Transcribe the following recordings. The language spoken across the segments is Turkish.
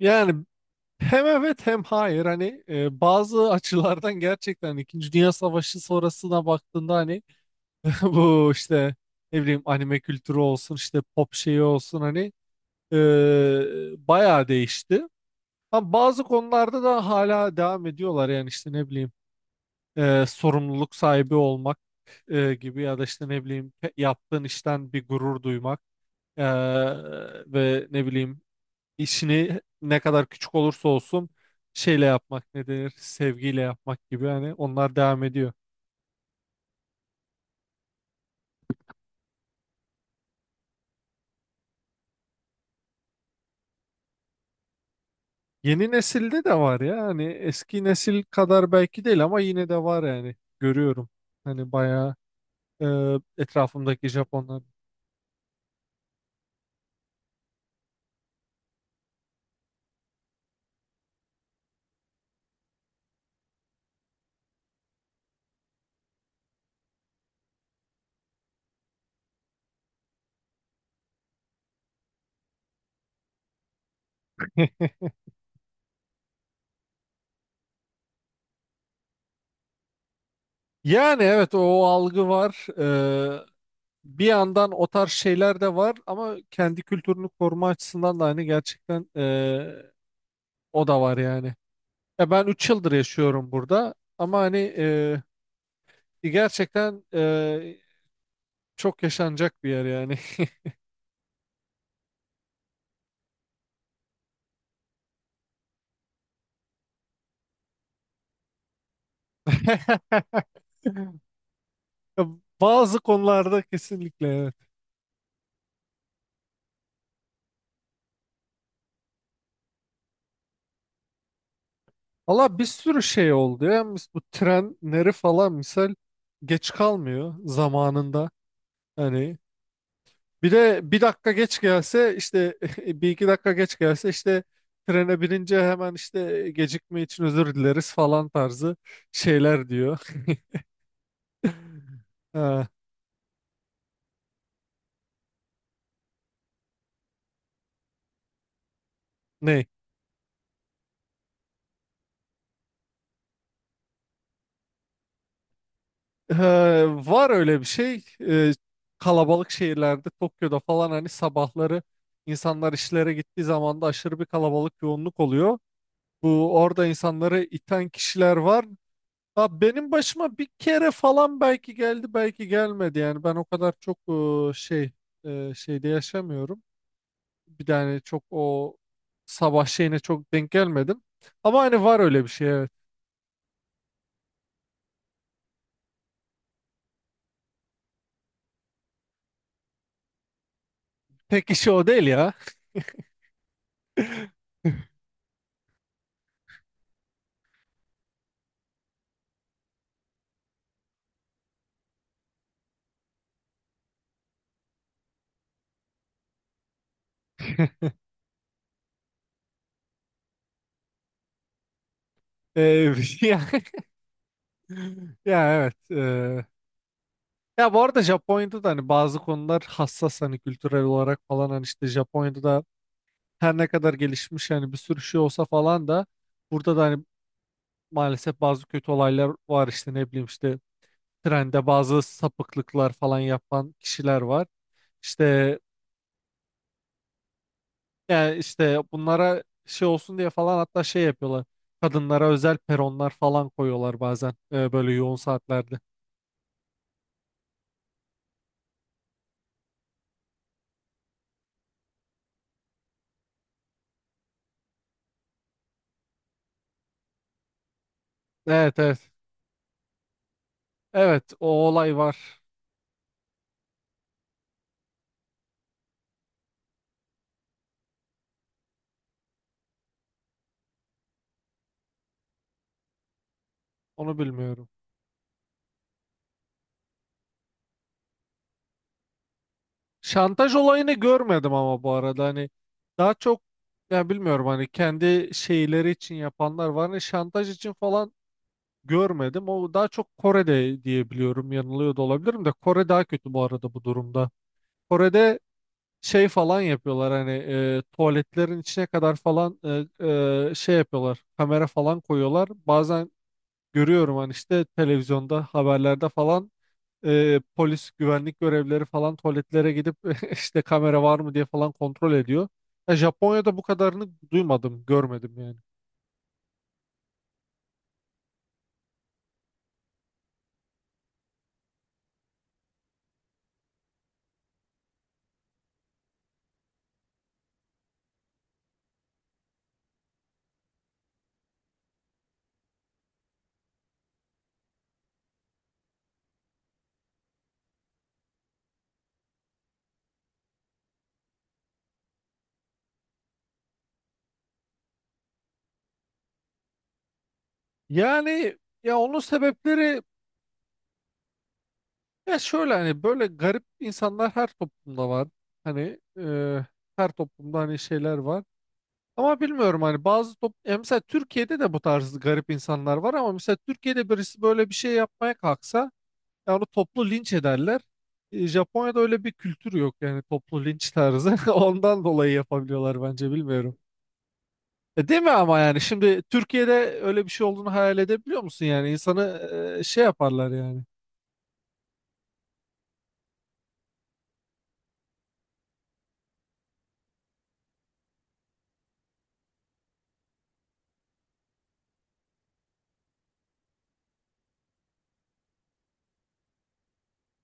Yani hem evet hem hayır hani bazı açılardan gerçekten İkinci Dünya Savaşı sonrasına baktığında hani bu işte ne bileyim anime kültürü olsun işte pop şeyi olsun hani bayağı değişti. Ama bazı konularda da hala devam ediyorlar yani işte ne bileyim sorumluluk sahibi olmak gibi ya da işte ne bileyim yaptığın işten bir gurur duymak e, ve ne bileyim işini ne kadar küçük olursa olsun şeyle yapmak ne denir sevgiyle yapmak gibi hani onlar devam ediyor. Yeni nesilde de var ya hani eski nesil kadar belki değil ama yine de var yani görüyorum. Hani bayağı e, etrafımdaki Japonlar. Yani evet o algı var. E, Bir yandan o tarz şeyler de var ama kendi kültürünü koruma açısından da hani gerçekten o da var yani. Ya ben 3 yıldır yaşıyorum burada ama hani gerçekten çok yaşanacak bir yer yani. Ya, bazı konularda kesinlikle evet. Valla bir sürü şey oldu ya. Bu trenleri falan misal geç kalmıyor zamanında. Hani bir de bir dakika geç gelse işte bir iki dakika geç gelse işte trene binince hemen işte gecikme için özür dileriz falan tarzı şeyler diyor. Ha, ne? Ee, Var öyle bir şey. Kalabalık şehirlerde Tokyo'da falan hani sabahları insanlar işlere gittiği zaman da aşırı bir kalabalık yoğunluk oluyor. Bu orada insanları iten kişiler var. Ha, benim başıma bir kere falan belki geldi belki gelmedi yani ben o kadar çok e, şey şeyde yaşamıyorum. Bir de hani çok o sabah şeyine çok denk gelmedim. Ama hani var öyle bir şey, evet. Tek işi o değil ya. Ee, Ya evet. Ya, bu arada Japonya'da da hani bazı konular hassas hani kültürel olarak falan hani işte Japonya'da da her ne kadar gelişmiş hani bir sürü şey olsa falan da burada da hani maalesef bazı kötü olaylar var işte ne bileyim işte trende bazı sapıklıklar falan yapan kişiler var. İşte yani işte bunlara şey olsun diye falan hatta şey yapıyorlar. Kadınlara özel peronlar falan koyuyorlar bazen böyle yoğun saatlerde. Evet, evet. Evet, o olay var. Onu bilmiyorum. Şantaj olayını görmedim ama bu arada hani daha çok, ya bilmiyorum hani kendi şeyleri için yapanlar var. Hani şantaj için falan görmedim. O daha çok Kore'de diye biliyorum. Yanılıyor da olabilirim de Kore daha kötü bu arada bu durumda. Kore'de şey falan yapıyorlar hani tuvaletlerin içine kadar falan e, şey yapıyorlar. Kamera falan koyuyorlar. Bazen görüyorum hani işte televizyonda haberlerde falan polis güvenlik görevlileri falan tuvaletlere gidip işte kamera var mı diye falan kontrol ediyor. Ya Japonya'da bu kadarını duymadım, görmedim yani. Yani ya onun sebepleri ya şöyle hani böyle garip insanlar her toplumda var. Hani her toplumda hani şeyler var. Ama bilmiyorum hani bazı top ya mesela Türkiye'de de bu tarz garip insanlar var ama mesela Türkiye'de birisi böyle bir şey yapmaya kalksa, ya onu toplu linç ederler. Japonya'da öyle bir kültür yok yani toplu linç tarzı. Ondan dolayı yapabiliyorlar bence, bilmiyorum. Değil mi ama yani şimdi Türkiye'de öyle bir şey olduğunu hayal edebiliyor musun yani insanı şey yaparlar yani.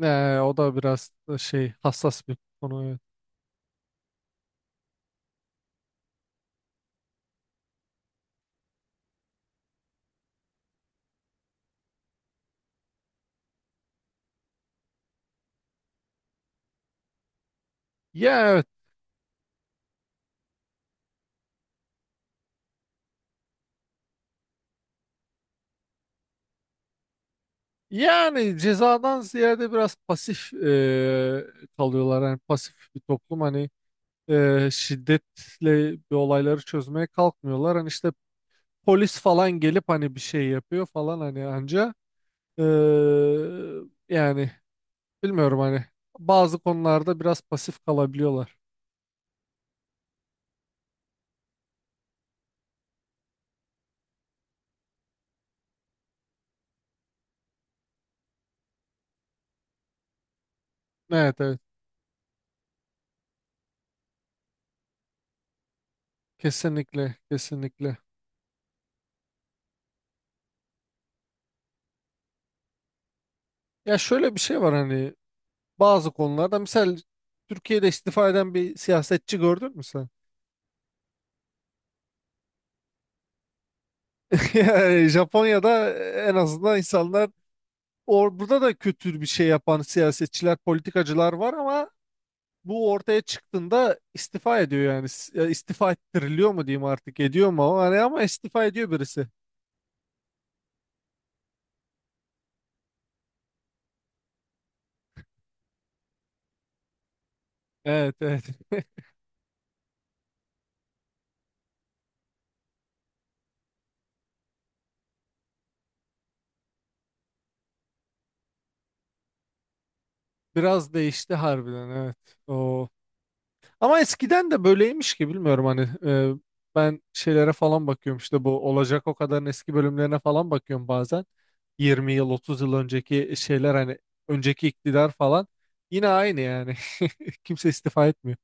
O da biraz da şey, hassas bir konu, evet. Ya evet. Yani cezadan ziyade biraz pasif kalıyorlar. Yani pasif bir toplum hani şiddetle bir olayları çözmeye kalkmıyorlar. Hani işte polis falan gelip hani bir şey yapıyor falan hani anca Ee, yani bilmiyorum hani bazı konularda biraz pasif kalabiliyorlar. Evet, evet, kesinlikle, kesinlikle. Ya şöyle bir şey var hani bazı konularda misal Türkiye'de istifa eden bir siyasetçi gördün mü sen? Yani Japonya'da en azından insanlar, or burada da kötü bir şey yapan siyasetçiler, politikacılar var ama bu ortaya çıktığında istifa ediyor yani. Ya istifa ettiriliyor mu diyeyim artık, ediyor mu, ama hani ama istifa ediyor birisi. Evet, evet. Biraz değişti harbiden, evet. O. Ama eskiden de böyleymiş ki bilmiyorum hani ben şeylere falan bakıyorum işte bu olacak o kadarın eski bölümlerine falan bakıyorum bazen. 20 yıl 30 yıl önceki şeyler hani önceki iktidar falan yine aynı yani. Kimse istifa etmiyor.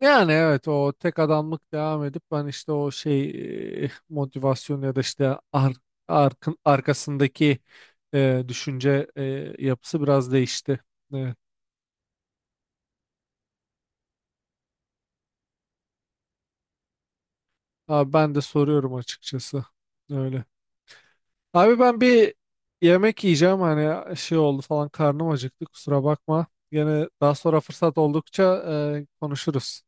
Yani evet o tek adamlık devam edip ben işte o şey motivasyon ya da işte arkasındaki düşünce yapısı biraz değişti. Evet. Abi ben de soruyorum açıkçası. Öyle. Abi ben bir yemek yiyeceğim hani şey oldu falan, karnım acıktı, kusura bakma. Gene daha sonra fırsat oldukça konuşuruz.